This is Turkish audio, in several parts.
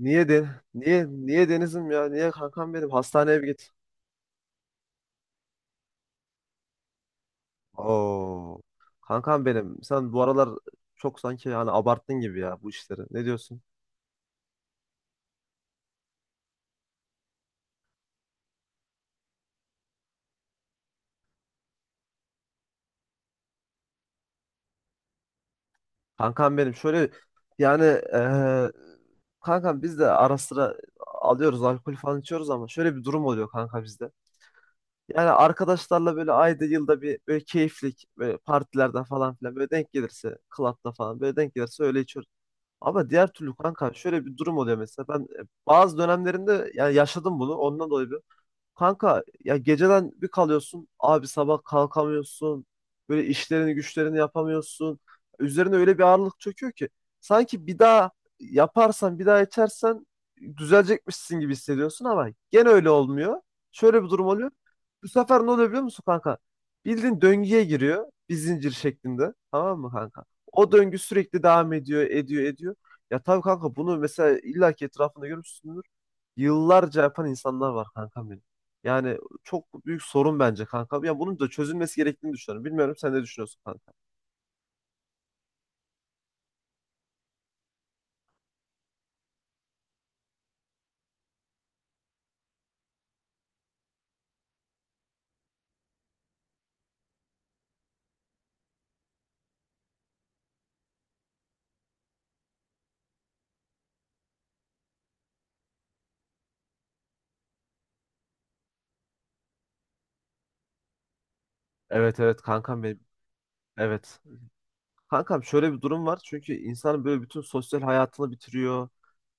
Niye de niye Deniz'im ya? Niye kankam benim? Hastaneye bir git. Oo. Kankam benim. Sen bu aralar çok sanki yani abarttın gibi ya bu işleri. Ne diyorsun? Kankam benim. Şöyle yani eee kankam biz de ara sıra alıyoruz alkol falan içiyoruz ama şöyle bir durum oluyor kanka bizde. Yani arkadaşlarla böyle ayda yılda bir böyle keyiflik böyle partilerden falan filan böyle denk gelirse club'da falan böyle denk gelirse öyle içiyoruz. Ama diğer türlü kanka şöyle bir durum oluyor mesela. Ben bazı dönemlerinde yani yaşadım bunu. Ondan dolayı bir. Kanka ya geceden bir kalıyorsun abi sabah kalkamıyorsun, böyle işlerini güçlerini yapamıyorsun, üzerine öyle bir ağırlık çöküyor ki sanki bir daha yaparsan, bir daha içersen düzelecekmişsin gibi hissediyorsun, ama gene öyle olmuyor, şöyle bir durum oluyor. Bu sefer ne oluyor biliyor musun kanka? Bildiğin döngüye giriyor bir zincir şeklinde, tamam mı kanka? O döngü sürekli devam ediyor, ediyor, ediyor. Ya tabii kanka, bunu mesela illaki etrafında görmüşsündür. Yıllarca yapan insanlar var kankam benim. Yani çok büyük sorun bence kankam. Ya bunun da çözülmesi gerektiğini düşünüyorum. Bilmiyorum, sen ne düşünüyorsun kanka? Evet, evet kankam benim. Evet. Kankam şöyle bir durum var. Çünkü insanın böyle bütün sosyal hayatını bitiriyor.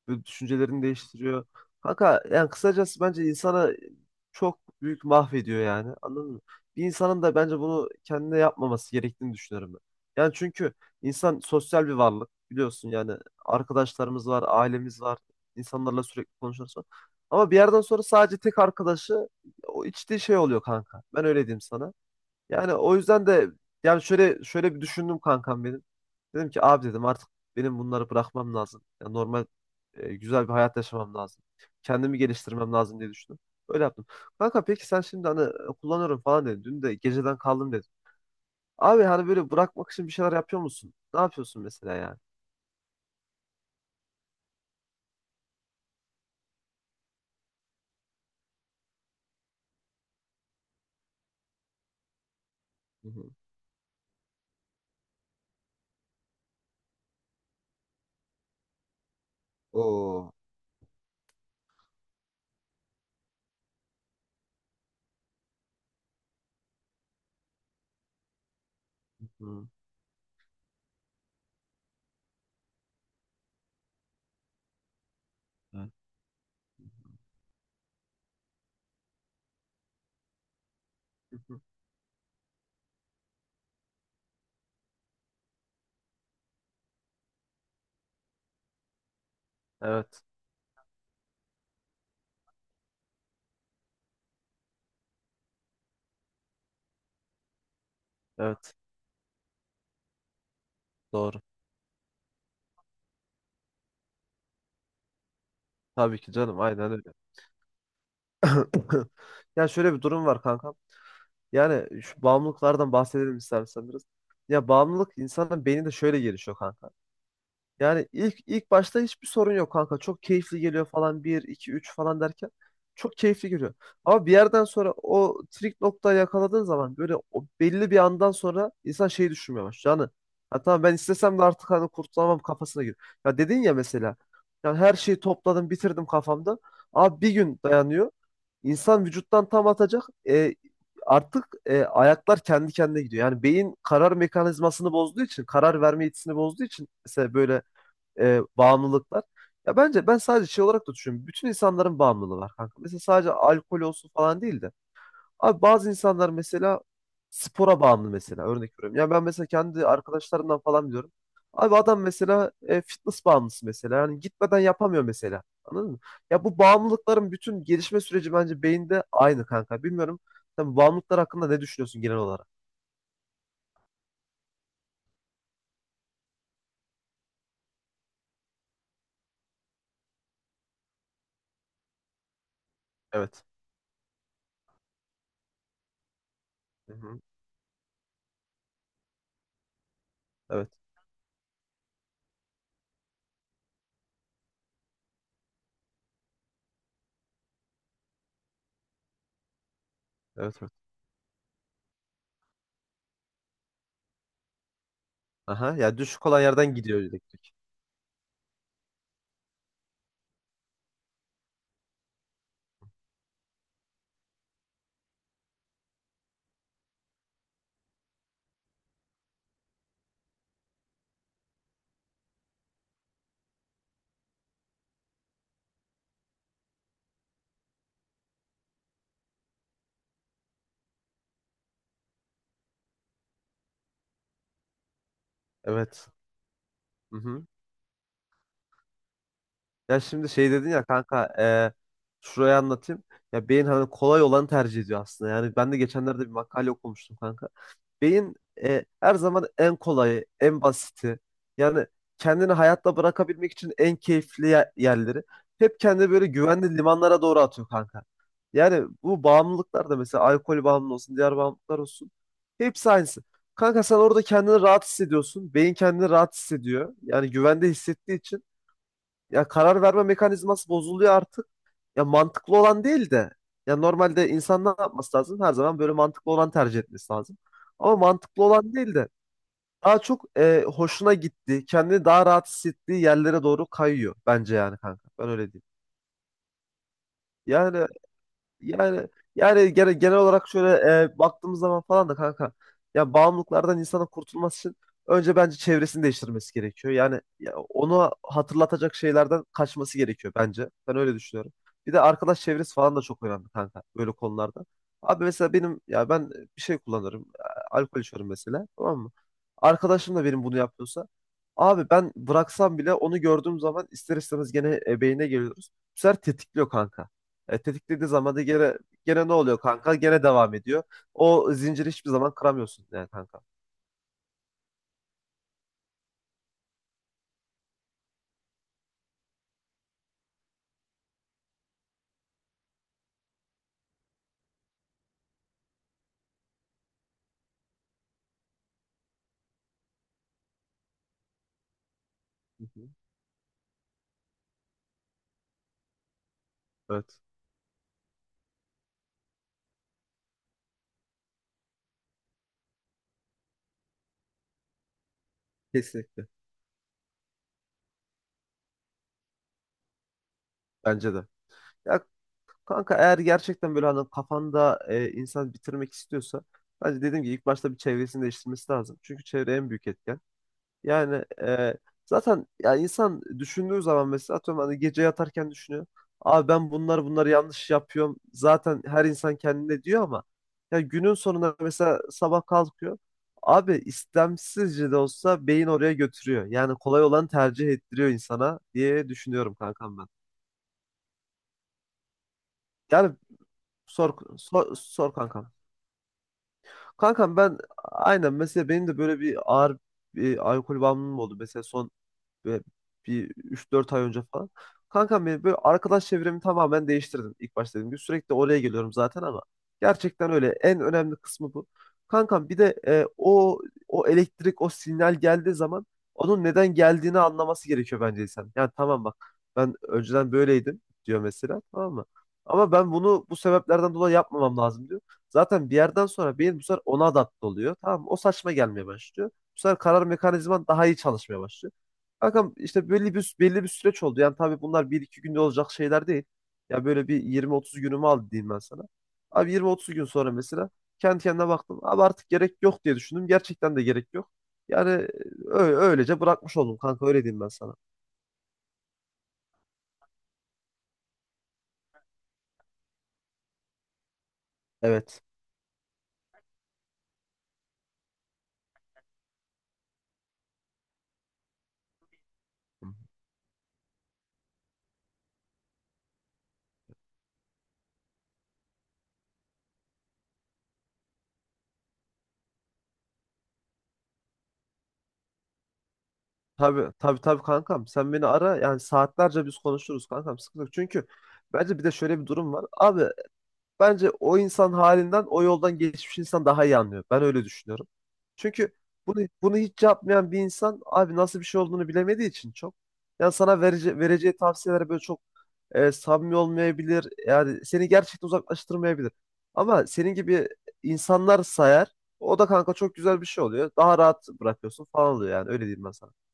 Böyle düşüncelerini değiştiriyor. Kanka yani kısacası bence insana çok büyük mahvediyor yani. Anladın mı? Bir insanın da bence bunu kendine yapmaması gerektiğini düşünüyorum ben. Yani çünkü insan sosyal bir varlık, biliyorsun yani, arkadaşlarımız var, ailemiz var, insanlarla sürekli konuşuyoruz, falan. Ama bir yerden sonra sadece tek arkadaşı o içtiği şey oluyor kanka. Ben öyle diyeyim sana. Yani o yüzden de yani şöyle şöyle bir düşündüm kankam benim. Dedim ki abi, dedim artık benim bunları bırakmam lazım. Yani normal, güzel bir hayat yaşamam lazım. Kendimi geliştirmem lazım diye düşündüm. Öyle yaptım. Kanka peki sen şimdi hani kullanıyorum falan dedin. Dün de geceden kaldım dedin. Abi hani böyle bırakmak için bir şeyler yapıyor musun? Ne yapıyorsun mesela yani? Hı hı. Oo. Hı. Hı. Evet. Hı. Hı. Evet, evet, doğru. Tabii ki canım, aynen öyle. Ya şöyle bir durum var kanka. Yani şu bağımlılıklardan bahsedelim istersen biraz. Ya bağımlılık insanın beyninde şöyle gelişiyor kanka. Yani ilk başta hiçbir sorun yok kanka. Çok keyifli geliyor falan, bir 2 3 falan derken çok keyifli geliyor. Ama bir yerden sonra o trik noktayı yakaladığın zaman, böyle o belli bir andan sonra insan şeyi düşünmeye başlıyor. Yani ha tamam, ben istesem de artık hani kurtulamam kafasına giriyor. Ya dedin ya mesela. Yani her şeyi topladım, bitirdim kafamda. Abi bir gün dayanıyor. İnsan vücuttan tam atacak. E, artık ayaklar kendi kendine gidiyor. Yani beyin karar mekanizmasını bozduğu için, karar verme yetisini bozduğu için mesela böyle bağımlılıklar. Ya bence ben sadece şey olarak da düşünüyorum. Bütün insanların bağımlılığı var kanka. Mesela sadece alkol olsun falan değil de. Abi bazı insanlar mesela spora bağımlı mesela, örnek veriyorum. Ya ben mesela kendi arkadaşlarımdan falan biliyorum. Abi adam mesela fitness bağımlısı mesela. Yani gitmeden yapamıyor mesela. Anladın mı? Ya bu bağımlılıkların bütün gelişme süreci bence beyinde aynı kanka. Bilmiyorum. Sen bağımlılıklar hakkında ne düşünüyorsun genel olarak? Evet. Hı hı. Evet. Evet, evet. Aha. Ya düşük olan yerden gidiyor elektrik. Evet. Hı hı. Ya şimdi şey dedin ya kanka, şurayı anlatayım. Ya beyin hani kolay olanı tercih ediyor aslında. Yani ben de geçenlerde bir makale okumuştum kanka. Beyin her zaman en kolayı, en basiti. Yani kendini hayatta bırakabilmek için en keyifli yerleri. Hep kendini böyle güvenli limanlara doğru atıyor kanka. Yani bu bağımlılıklar da, mesela alkol bağımlı olsun, diğer bağımlılıklar olsun, hepsi aynısı. Kanka sen orada kendini rahat hissediyorsun. Beyin kendini rahat hissediyor. Yani güvende hissettiği için ya karar verme mekanizması bozuluyor artık. Ya mantıklı olan değil de. Ya normalde insan ne yapması lazım? Her zaman böyle mantıklı olan tercih etmesi lazım. Ama mantıklı olan değil de daha çok hoşuna gitti, kendini daha rahat hissettiği yerlere doğru kayıyor bence yani kanka. Ben öyle diyeyim. Yani yani yani genel olarak şöyle baktığımız zaman falan da kanka, ya bağımlılıklardan insanın kurtulması için önce bence çevresini değiştirmesi gerekiyor. Yani ya onu hatırlatacak şeylerden kaçması gerekiyor bence. Ben öyle düşünüyorum. Bir de arkadaş çevresi falan da çok önemli kanka böyle konularda. Abi mesela benim, ya ben bir şey kullanırım. Alkol içiyorum mesela, tamam mı? Arkadaşım da benim bunu yapıyorsa abi, ben bıraksam bile onu gördüğüm zaman ister istemez gene beynine geliyoruz. Bu sefer tetikliyor kanka. Tetiklediği zaman da gene, gene ne oluyor kanka? Gene devam ediyor. O zinciri hiçbir zaman kıramıyorsun yani kanka. Hı hı. Evet. Kesinlikle. Bence de. Ya kanka, eğer gerçekten böyle hani kafanda insan bitirmek istiyorsa, bence dediğim gibi ilk başta bir çevresini değiştirmesi lazım. Çünkü çevre en büyük etken. Yani zaten ya insan düşündüğü zaman mesela atıyorum, hani gece yatarken düşünüyor. Abi ben bunlar bunları yanlış yapıyorum. Zaten her insan kendine diyor ama ya günün sonunda mesela sabah kalkıyor. Abi istemsizce de olsa beyin oraya götürüyor. Yani kolay olanı tercih ettiriyor insana diye düşünüyorum kankam ben. Yani sor, sor, sor kankam. Kankam ben aynen, mesela benim de böyle bir ağır bir alkol bağımlılığım oldu. Mesela son. Ve bir üç dört ay önce falan. Kankam benim böyle arkadaş çevremi tamamen değiştirdim ilk başta, dediğim gibi. Sürekli oraya geliyorum zaten, ama gerçekten öyle. En önemli kısmı bu. Kankam bir de o elektrik, o sinyal geldiği zaman, onun neden geldiğini anlaması gerekiyor bence insan. Yani tamam bak, ben önceden böyleydim diyor mesela, tamam mı? Ama ben bunu bu sebeplerden dolayı yapmamam lazım diyor. Zaten bir yerden sonra beyin bu sefer ona adapte oluyor. Tamam mı? O saçma gelmeye başlıyor. Bu sefer karar mekanizman daha iyi çalışmaya başlıyor. Kankam işte belli bir belli bir süreç oldu. Yani tabii bunlar bir iki günde olacak şeyler değil. Ya böyle bir 20-30 günümü aldı diyeyim ben sana. Abi 20-30 gün sonra mesela kendi kendine baktım. Abi artık gerek yok diye düşündüm. Gerçekten de gerek yok. Yani öyle, öylece bırakmış oldum kanka, öyle diyeyim ben sana. Evet. Tabii, tabii, tabii kankam, sen beni ara yani saatlerce biz konuşuruz kankam, sıkıntı yok. Çünkü bence bir de şöyle bir durum var. Abi, bence o insan halinden, o yoldan geçmiş insan daha iyi anlıyor. Ben öyle düşünüyorum. Çünkü bunu hiç yapmayan bir insan abi nasıl bir şey olduğunu bilemediği için çok. Yani sana vereceği tavsiyeler böyle çok samimi olmayabilir. Yani seni gerçekten uzaklaştırmayabilir. Ama senin gibi insanlar sayar. O da kanka çok güzel bir şey oluyor. Daha rahat bırakıyorsun falan oluyor yani, öyle diyeyim ben sana.